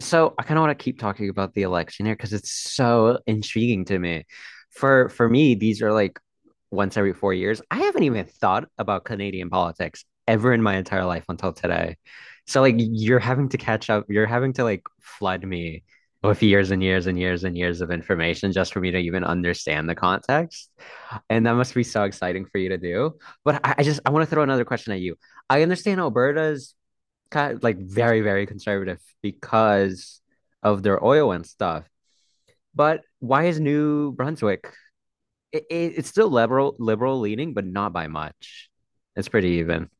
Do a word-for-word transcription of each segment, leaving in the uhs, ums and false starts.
so I kind of want to keep talking about the election here because it's so intriguing to me. For for me, these are like once every four years. I haven't even thought about Canadian politics ever in my entire life until today. So like you're having to catch up, you're having to like flood me with years and years and years and years of information just for me to even understand the context. And that must be so exciting for you to do. But I, I just I want to throw another question at you. I understand Alberta's kind of like very, very conservative because of their oil and stuff. But why is New Brunswick? It, it, it's still liberal, liberal leaning, but not by much. It's pretty even.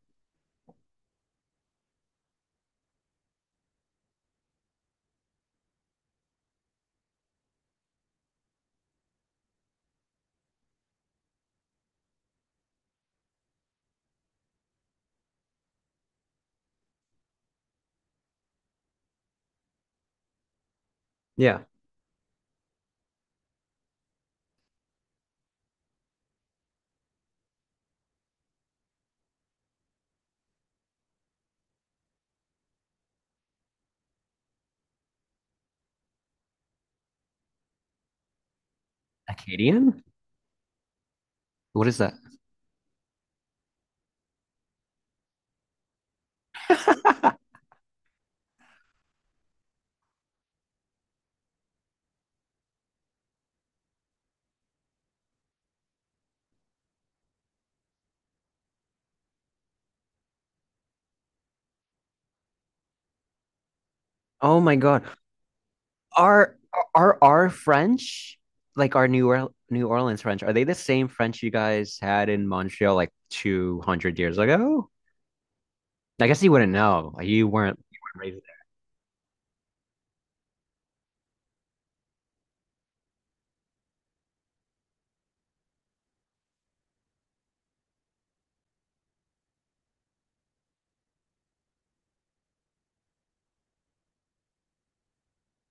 Yeah. Acadian? What is that? Oh my God. Are are our French like our New Orle- New Orleans French? Are they the same French you guys had in Montreal like two hundred years ago? I guess you wouldn't know. You weren't, you weren't raised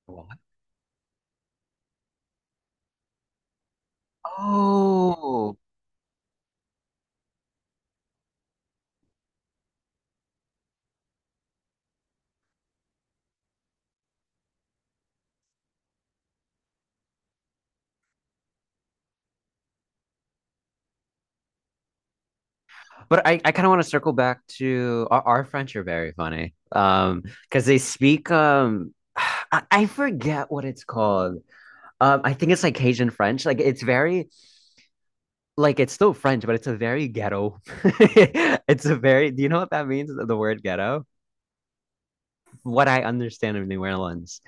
there. Oh, but I, I kind of want to circle back to our, our French are very funny. Um, because they speak um I, I forget what it's called. Um, I think it's like Cajun French. Like it's very like it's still French, but it's a very ghetto. It's a very do you know what that means? The word ghetto? What I understand of New Orleans.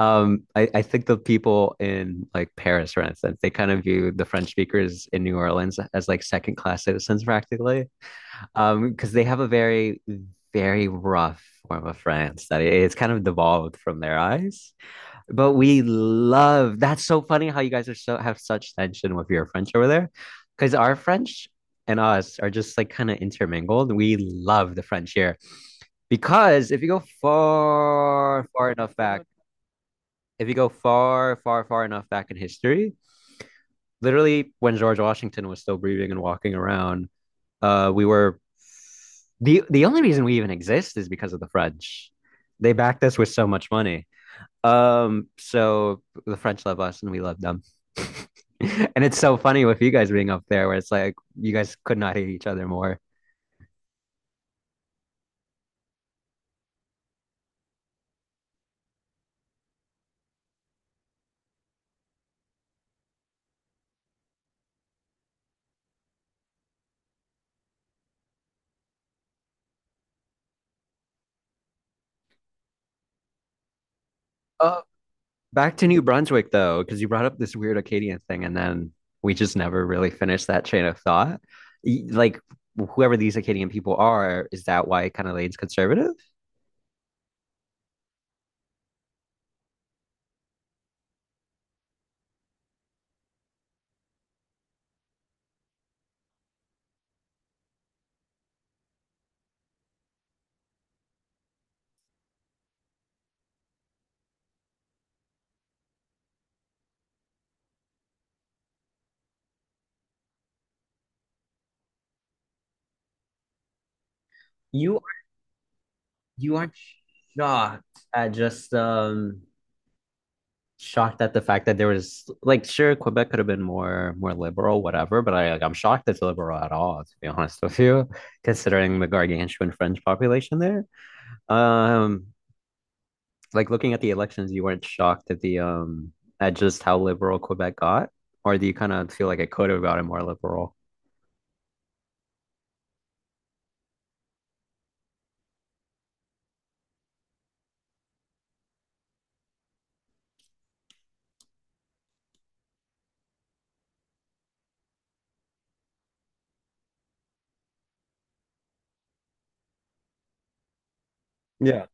Um, I, I think the people in like Paris, for instance, they kind of view the French speakers in New Orleans as like second class citizens practically. Um, because they have a very, very rough form of France that it- it's kind of devolved from their eyes. But we love that's so funny how you guys are so have such tension with your French over there. Because our French and us are just like kind of intermingled. We love the French here because if you go far, far enough back, if you go far, far, far enough back in history, literally when George Washington was still breathing and walking around, uh, we were the the only reason we even exist is because of the French. They backed us with so much money. Um, so the French love us and we love them. And it's so funny with you guys being up there where it's like you guys could not hate each other more. Uh, Back to New Brunswick though, because you brought up this weird Acadian thing and then we just never really finished that chain of thought. Like whoever these Acadian people are, is that why kind of leans conservative? You You aren't shocked at just um shocked at the fact that there was like sure Quebec could have been more more liberal, whatever, but I like I'm shocked it's liberal at all, to be honest with you, considering the gargantuan French population there. Um like looking at the elections, you weren't shocked at the um at just how liberal Quebec got, or do you kind of feel like it could have gotten more liberal? Yeah.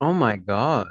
Oh my God.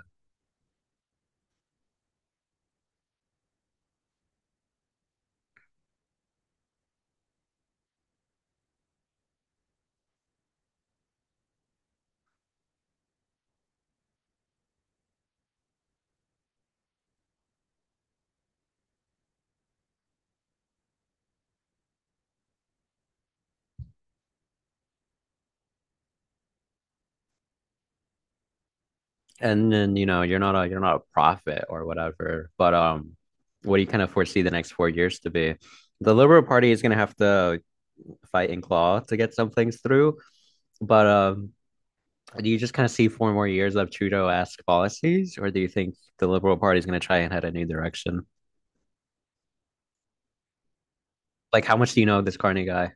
And then you know you're not a you're not a prophet or whatever but um what do you kind of foresee the next four years to be the liberal party is going to have to fight and claw to get some things through but um do you just kind of see four more years of trudeau-esque policies or do you think the liberal party is going to try and head a new direction like how much do you know of this carney guy?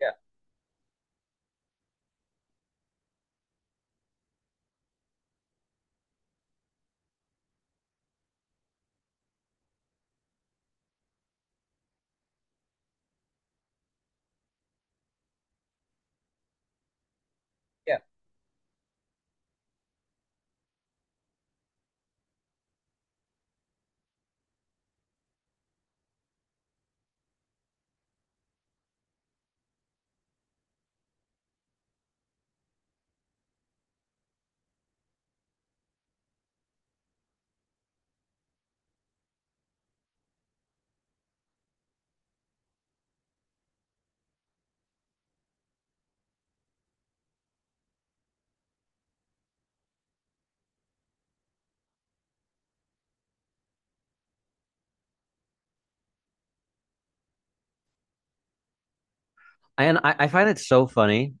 Yeah, yeah. And I, I find it so funny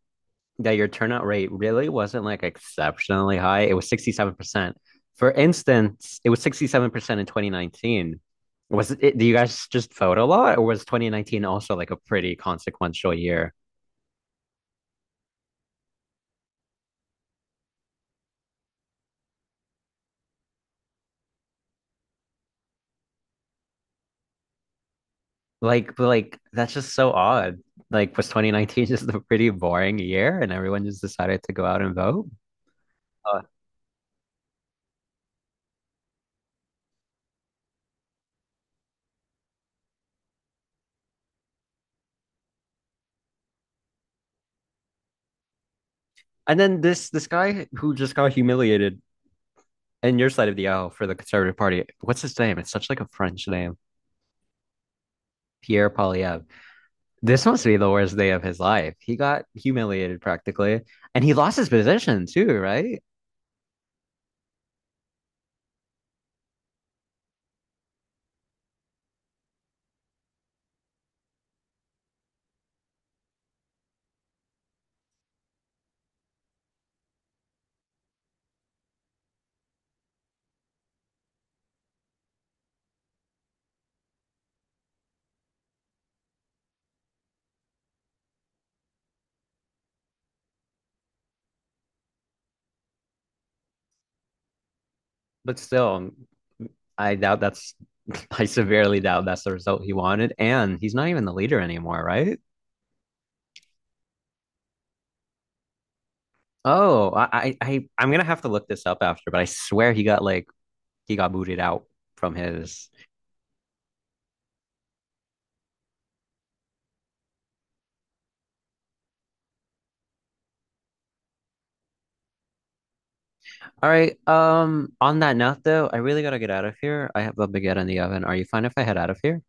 that your turnout rate really wasn't like exceptionally high. It was sixty-seven percent. For instance, it was sixty-seven percent in twenty nineteen. Was it, do you guys just vote a lot, or was twenty nineteen also like a pretty consequential year? Like, like that's just so odd. Like, was twenty nineteen just a pretty boring year, and everyone just decided to go out and vote? Uh, and then this this guy who just got humiliated in your side of the aisle for the Conservative Party. What's his name? It's such like a French name, Pierre Polyev. This must be the worst day of his life. He got humiliated practically, and he lost his position too, right? But still, I doubt that's, I severely doubt that's the result he wanted. And he's not even the leader anymore, right? Oh, I, I, I- I'm gonna have to look this up after, but I swear he got like he got booted out from his. All right. Um, on that note though, I really gotta get out of here. I have a baguette in the oven. Are you fine if I head out of here?